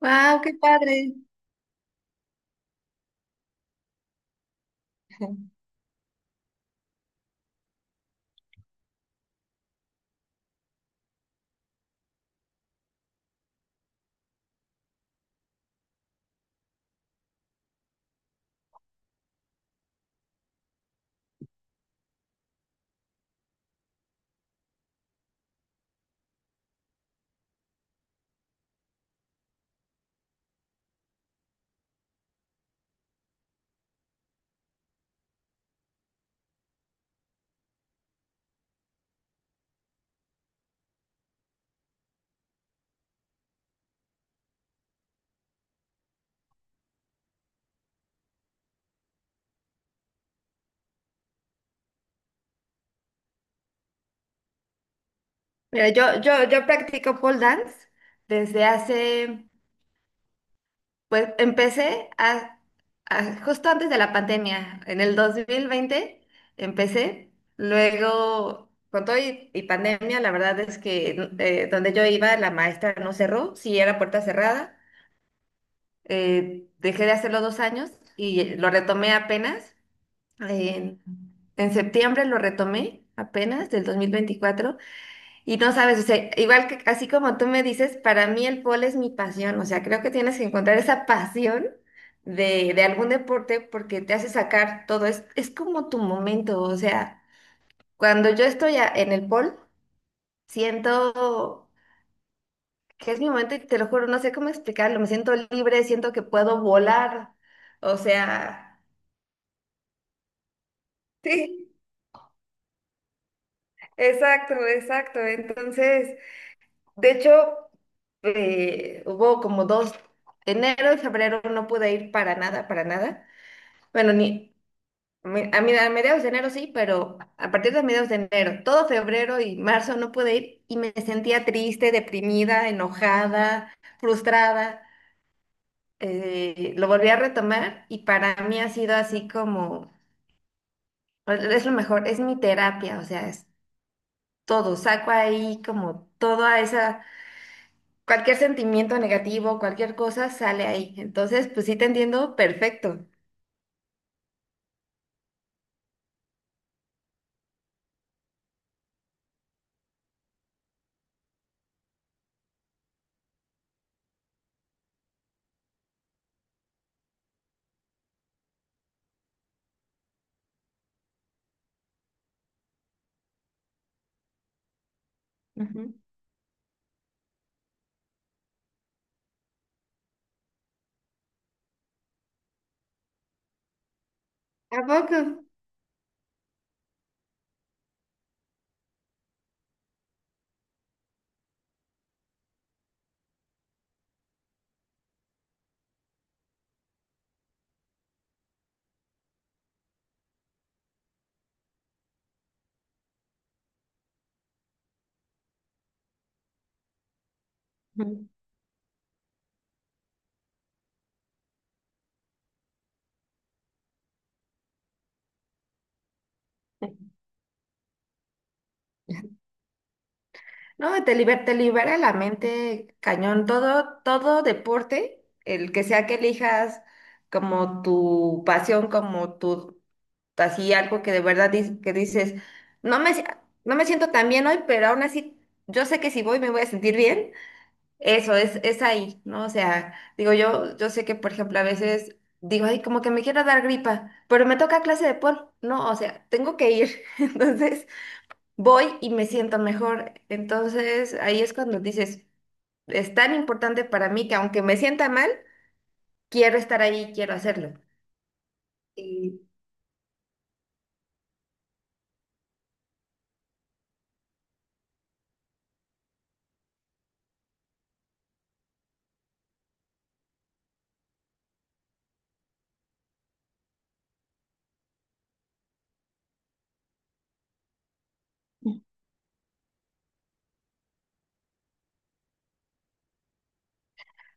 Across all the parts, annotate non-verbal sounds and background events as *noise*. Wow, qué padre. Mira, yo practico pole dance desde hace, pues empecé justo antes de la pandemia, en el 2020 empecé, luego con todo y pandemia, la verdad es que donde yo iba la maestra no cerró, sí era puerta cerrada, dejé de hacerlo 2 años y lo retomé apenas, en, en septiembre lo retomé apenas del 2024. Y no sabes, o sea, igual que así como tú me dices, para mí el polo es mi pasión, o sea, creo que tienes que encontrar esa pasión de algún deporte porque te hace sacar todo, es como tu momento, o sea, cuando yo estoy en el polo, siento que es mi momento y te lo juro, no sé cómo explicarlo, me siento libre, siento que puedo volar, o sea, sí, exacto, exacto, entonces. De hecho, hubo como dos, enero y febrero no pude ir para nada, para nada. Bueno, ni a mediados de enero sí, pero a partir de mediados de enero, todo febrero y marzo no pude ir y me sentía triste, deprimida, enojada, frustrada. Lo volví a retomar y para mí ha sido así como, es lo mejor, es mi terapia, o sea, es todo, saco ahí como toda esa cualquier sentimiento negativo, cualquier cosa sale ahí. Entonces, pues sí te entiendo perfecto. Ujú. ¿A poco? Ujú. No, te libera la mente cañón. Todo deporte, el que sea que elijas como tu pasión, como tu, así algo que de verdad que dices, no me, si- no me siento tan bien hoy, pero aún así yo sé que si voy me voy a sentir bien. Eso es ahí, ¿no? O sea, digo, yo sé que, por ejemplo, a veces digo, ay, como que me quiero dar gripa, pero me toca clase de pol, ¿no? O sea, tengo que ir. *laughs* Entonces, voy y me siento mejor. Entonces, ahí es cuando dices, es tan importante para mí que aunque me sienta mal, quiero estar ahí, quiero hacerlo. Y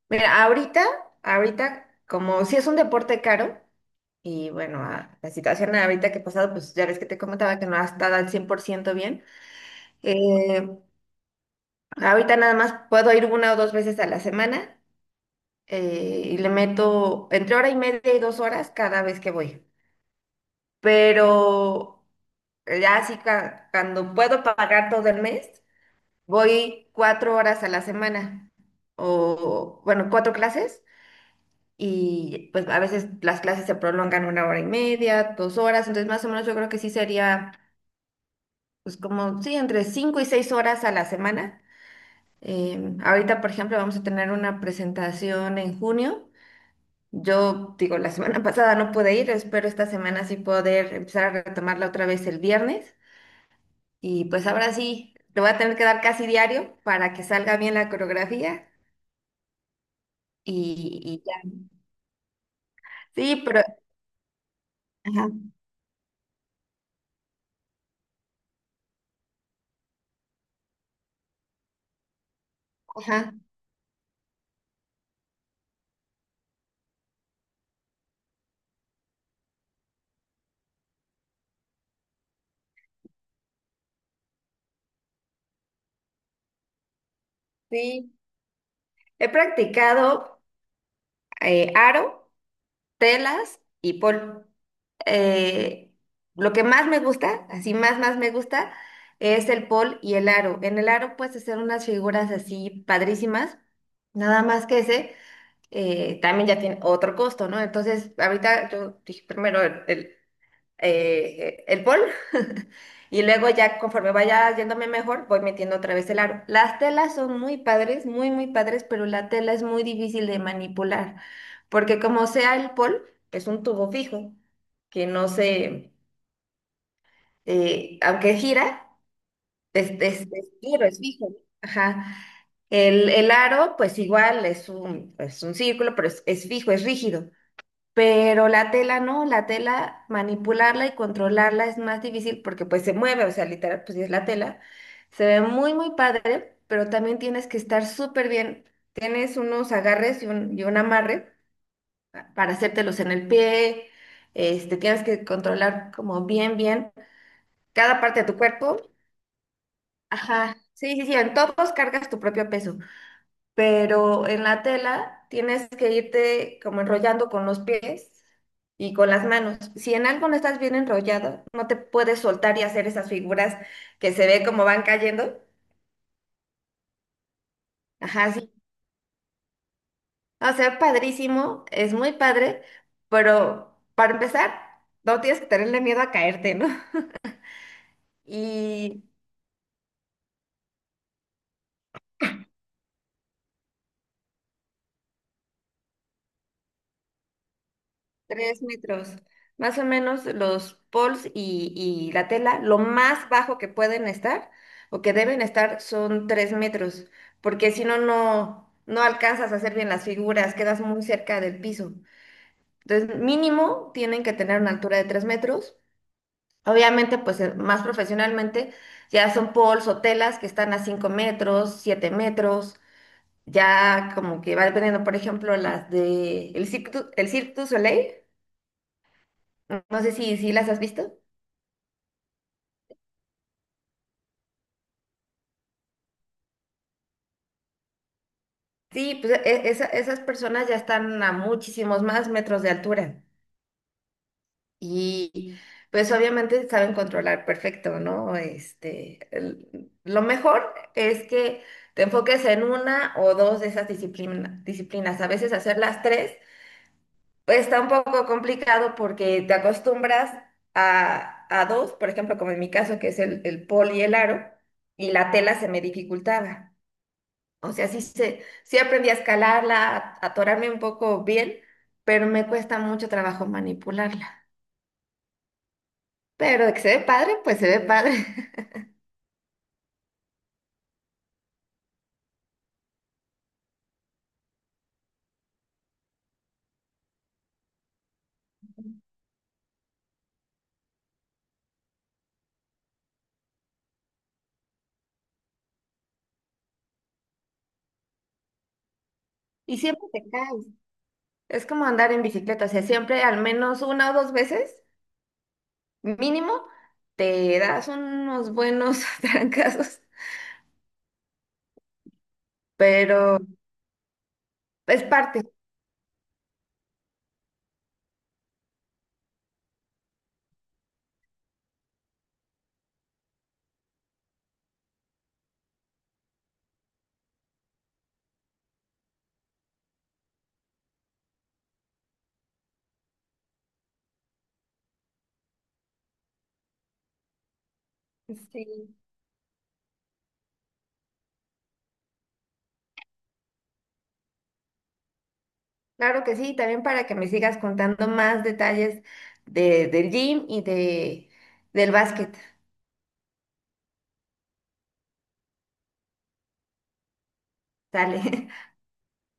mira, ahorita, como si es un deporte caro, y bueno, la situación ahorita que he pasado, pues ya ves que te comentaba que no ha estado al 100% bien. eh, Ahorita nada más puedo ir una o dos veces a la semana, y le meto entre hora y media y 2 horas cada vez que voy. Pero ya así cuando puedo pagar todo el mes, voy 4 horas a la semana, o bueno, cuatro clases, y pues a veces las clases se prolongan una hora y media, 2 horas, entonces más o menos yo creo que sí sería pues como, sí, entre 5 y 6 horas a la semana. Ahorita, por ejemplo, vamos a tener una presentación en junio. Yo digo, la semana *laughs* pasada no pude ir, espero esta semana sí poder empezar a retomarla otra vez el viernes. Y pues ahora sí, te voy a tener que dar casi diario para que salga bien la coreografía. Y ya. Sí, pero. Ajá, ajá, sí. He practicado aro, telas y pol. eh, lo que más me gusta, así más me gusta, es el pol y el aro. En el aro puedes hacer unas figuras así padrísimas, nada más que ese. También ya tiene otro costo, ¿no? Entonces, ahorita yo dije primero el, el bol. *laughs* Y luego ya conforme vaya yéndome mejor, voy metiendo otra vez el aro. Las telas son muy padres, muy, muy padres, pero la tela es muy difícil de manipular, porque como sea el pol, es un tubo fijo, que no se, aunque gira, es duro, es fijo. Ajá. El aro, pues igual, es un círculo, pero es fijo, es rígido. Pero la tela no, la tela manipularla y controlarla es más difícil porque pues se mueve, o sea, literal, pues sí es la tela. Se ve muy, muy padre, pero también tienes que estar súper bien. Tienes unos agarres y un amarre para hacértelos en el pie. Este, tienes que controlar como bien, bien cada parte de tu cuerpo. Ajá, sí, sí, sí, en todos cargas tu propio peso, pero en la tela tienes que irte como enrollando con los pies y con las manos. Si en algo no estás bien enrollado, no te puedes soltar y hacer esas figuras que se ve como van cayendo. Ajá, sí. O sea, padrísimo, es muy padre, pero para empezar, no tienes que tenerle miedo a caerte, ¿no? Y 3 metros. Más o menos los poles y la tela, lo más bajo que pueden estar o que deben estar son 3 metros, porque si no, no alcanzas a hacer bien las figuras, quedas muy cerca del piso. Entonces, mínimo tienen que tener una altura de 3 metros. Obviamente, pues más profesionalmente, ya son poles o telas que están a 5 metros, 7 metros, ya como que va dependiendo, por ejemplo, las de el el Cirque du Soleil, no sé si las has visto. Sí, pues esas personas ya están a muchísimos más metros de altura y pues obviamente saben controlar perfecto, ¿no? Este, el- lo mejor es que te enfoques en una o dos de esas disciplinas. A veces hacer las tres pues está un poco complicado porque te acostumbras a dos, por ejemplo, como en mi caso que es el pol y el aro, y la tela se me dificultaba. O sea, sí, sí aprendí a escalarla, a atorarme un poco bien, pero me cuesta mucho trabajo manipularla. Pero de que se ve padre, pues se ve padre. *laughs* Y siempre te caes. Es como andar en bicicleta, o sea, siempre al menos una o dos veces, mínimo, te das unos buenos *laughs* trancazos, pero es parte. Sí. Claro que sí, también para que me sigas contando más detalles de, del gym y de, del básquet. Sale. *laughs*